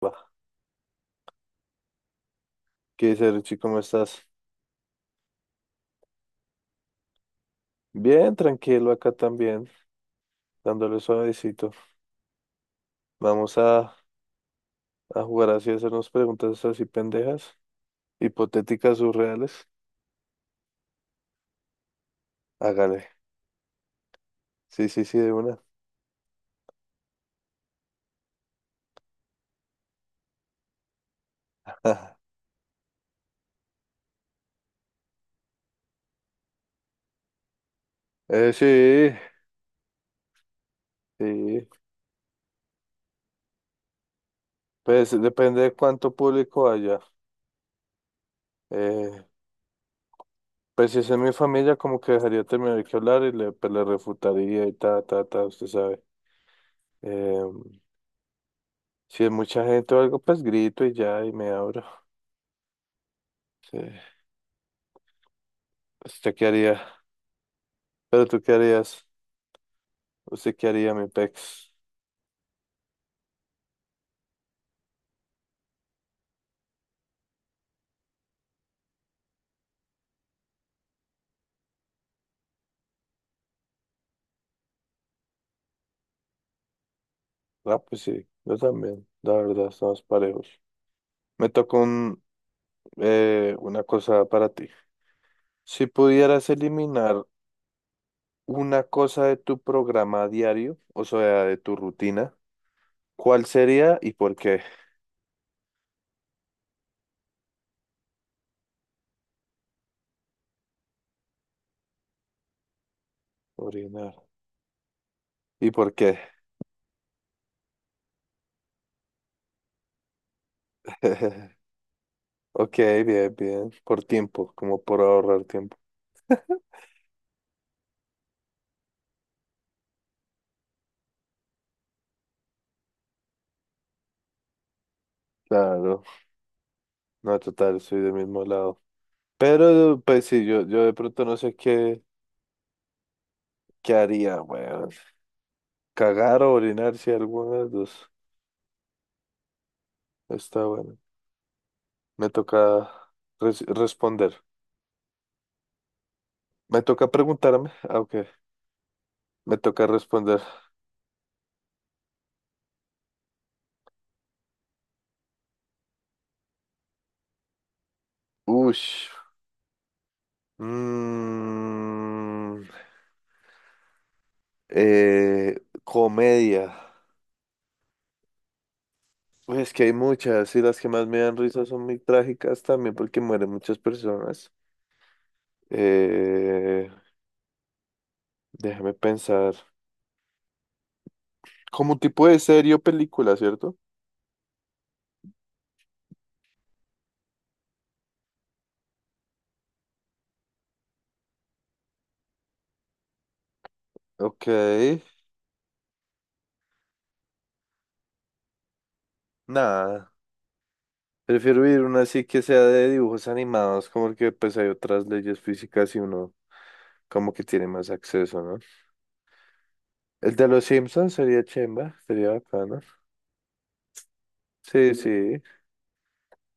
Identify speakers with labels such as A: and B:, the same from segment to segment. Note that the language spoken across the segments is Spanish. A: Va, ¿qué dice Richie? ¿Cómo estás? Bien, tranquilo acá también, dándole suavecito. Vamos a jugar así, a hacernos preguntas así pendejas, hipotéticas, surreales. Hágale. Sí, sí, sí, de una. Sí, sí. Pues depende de cuánto público haya. Eh, pues si es en mi familia, como que dejaría terminar que hablar y le, pues, le refutaría y ta, ta, ta, usted sabe. Eh, si es mucha gente o algo, pues grito y ya, y me abro. Sí. Pues, ¿usted qué haría? Pero tú qué harías, usted qué haría, mi pex. Ah, pues sí, yo también, la verdad, estamos parejos. Me tocó una cosa para ti. Si pudieras eliminar una cosa de tu programa diario, o sea, de tu rutina, ¿cuál sería y por qué? Orinar. ¿Y por qué? Ok, bien, bien. Por tiempo, como por ahorrar tiempo. Claro, no, total, soy del mismo lado. Pero, pues sí, yo de pronto no sé qué, qué haría, güey. Cagar o orinar, si alguna de las dos. Está bueno. Me toca responder. Me toca preguntarme. Ah, ok. Me toca responder. Ush. Mm, comedia. Uy, es que hay muchas y las que más me dan risa son muy trágicas también porque mueren muchas personas. Eh, déjame pensar. Como un tipo de serie o película, ¿cierto? Ok. Nada. Prefiero ir una así que sea de dibujos animados, como que pues hay otras leyes físicas y uno como que tiene más acceso, ¿no? El de los Simpsons sería chimba, sería bacano. Sí, sí,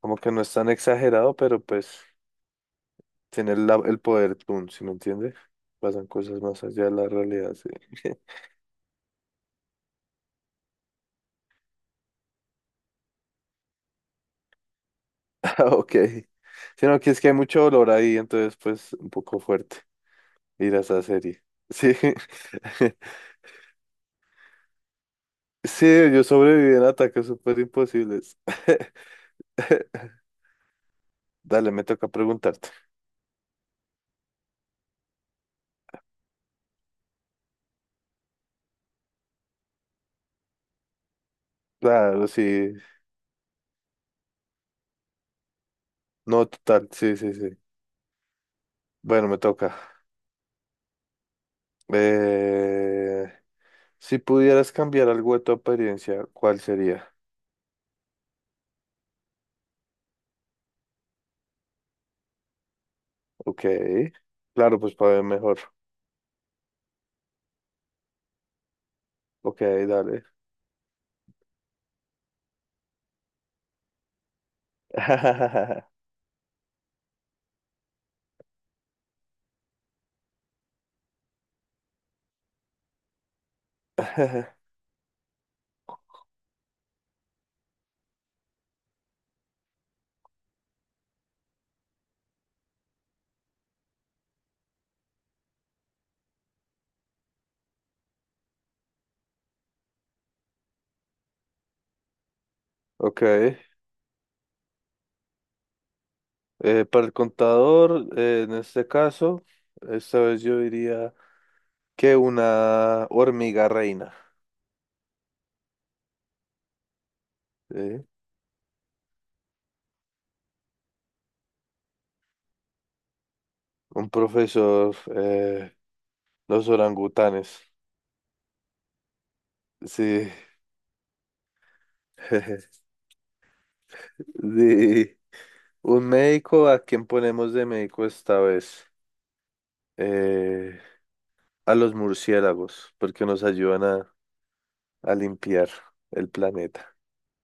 A: como que no es tan exagerado, pero pues tiene el poder Toon, ¿sí me entiende? Pasan cosas más allá de la realidad, sí. Ah, ok. Sino que es que hay mucho dolor ahí, entonces pues un poco fuerte ir a esa serie. Sí. Sí, yo sobreviví en ataques súper imposibles. Dale, me toca preguntarte. Claro, sí. No, total, sí, sí, sí. Bueno, me toca. Eh, si pudieras cambiar algo de tu apariencia, ¿cuál sería? Ok. Claro, pues para ver mejor. Ok, dale. Ok. Para el contador, en este caso, esta vez yo diría que una hormiga reina. ¿Sí? Un profesor, los orangutanes. Sí. De un médico, ¿a quién ponemos de médico esta vez? Eh, a los murciélagos, porque nos ayudan a limpiar el planeta.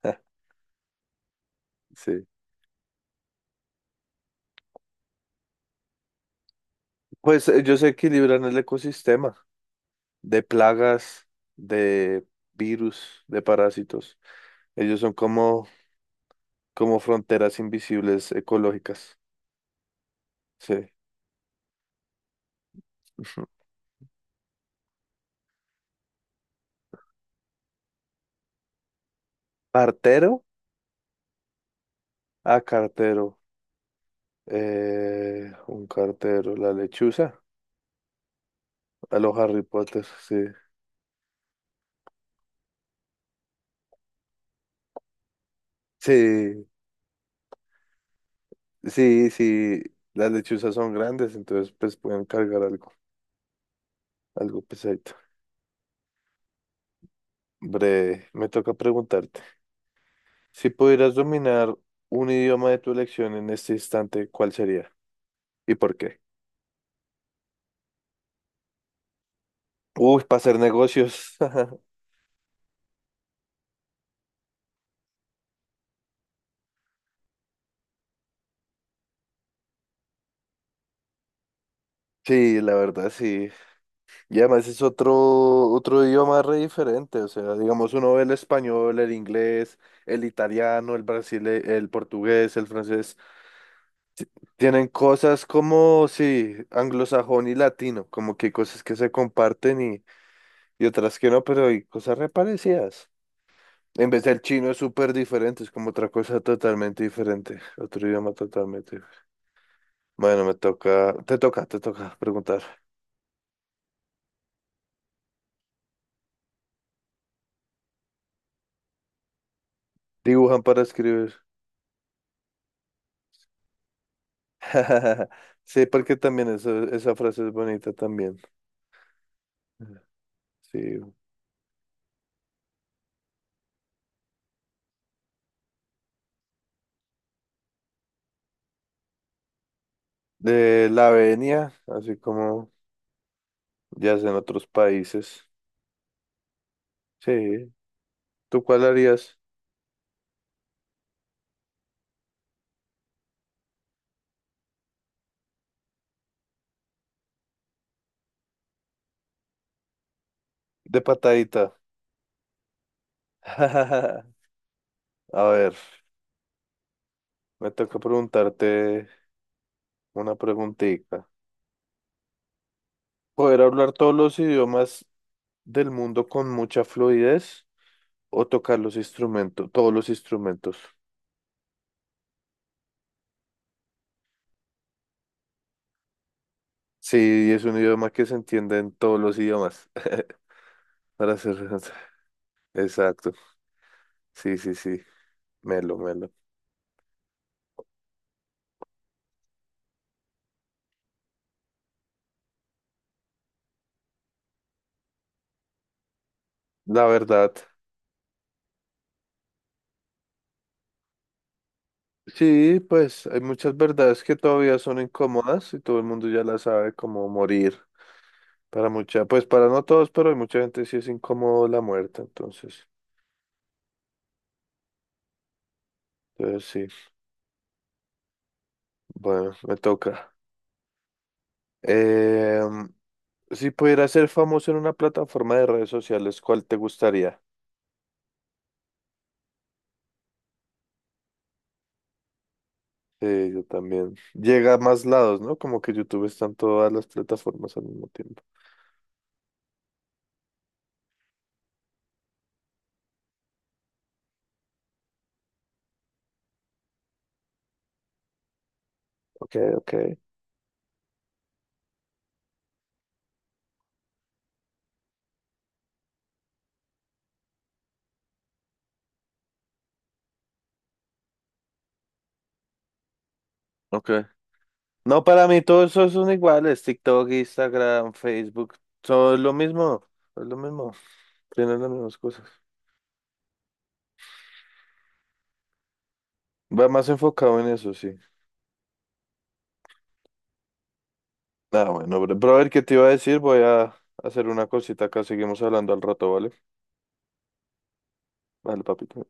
A: Sí. Pues ellos equilibran el ecosistema de plagas, de virus, de parásitos. Ellos son como, como fronteras invisibles ecológicas. Sí. Ujú. Partero a cartero. Un cartero, la lechuza. A los Harry Potter, sí. Sí, sí, sí. Las lechuzas son grandes, entonces pues pueden cargar algo, algo pesadito. Breve, me toca preguntarte. Si pudieras dominar un idioma de tu elección en este instante, ¿cuál sería? ¿Y por qué? Uy, para hacer negocios. Sí, la verdad, sí. Y además es otro, otro idioma re diferente. O sea, digamos, uno ve el español, el inglés, el italiano, el brasile, el portugués, el francés. Tienen cosas como, sí, anglosajón y latino, como que hay cosas que se comparten y otras que no, pero hay cosas reparecidas. En vez del chino es súper diferente, es como otra cosa totalmente diferente, otro idioma totalmente. Bueno, me toca, te toca preguntar. Dibujan para escribir. Sí, porque también eso, esa frase es bonita también. Sí, de la venia, así como ya es en otros países. Sí, ¿tú cuál harías? De patadita. A ver, me toca preguntarte una preguntita. ¿Poder hablar todos los idiomas del mundo con mucha fluidez o tocar los instrumentos, todos los instrumentos? Sí, es un idioma que se entiende en todos los idiomas. Para ser exacto. Sí, sí, sí. Melo, melo. La verdad. Sí, pues hay muchas verdades que todavía son incómodas y todo el mundo ya la sabe, como morir. Para mucha, pues para no todos, pero hay mucha gente sí es incómodo la muerte, entonces, entonces sí, bueno, me toca. Eh, si pudiera ser famoso en una plataforma de redes sociales, ¿cuál te gustaría? Sí, yo también. Llega a más lados, ¿no? Como que YouTube está en todas las plataformas al mismo tiempo. Ok, ok. Ok. No, para mí todos esos son iguales, TikTok, Instagram, Facebook, todo es lo mismo, tienen las mismas cosas. Va más enfocado en eso, sí. Ah bueno, bro, pero a ver qué te iba a decir. Voy a hacer una cosita acá. Seguimos hablando al rato, ¿vale? Vale, papito.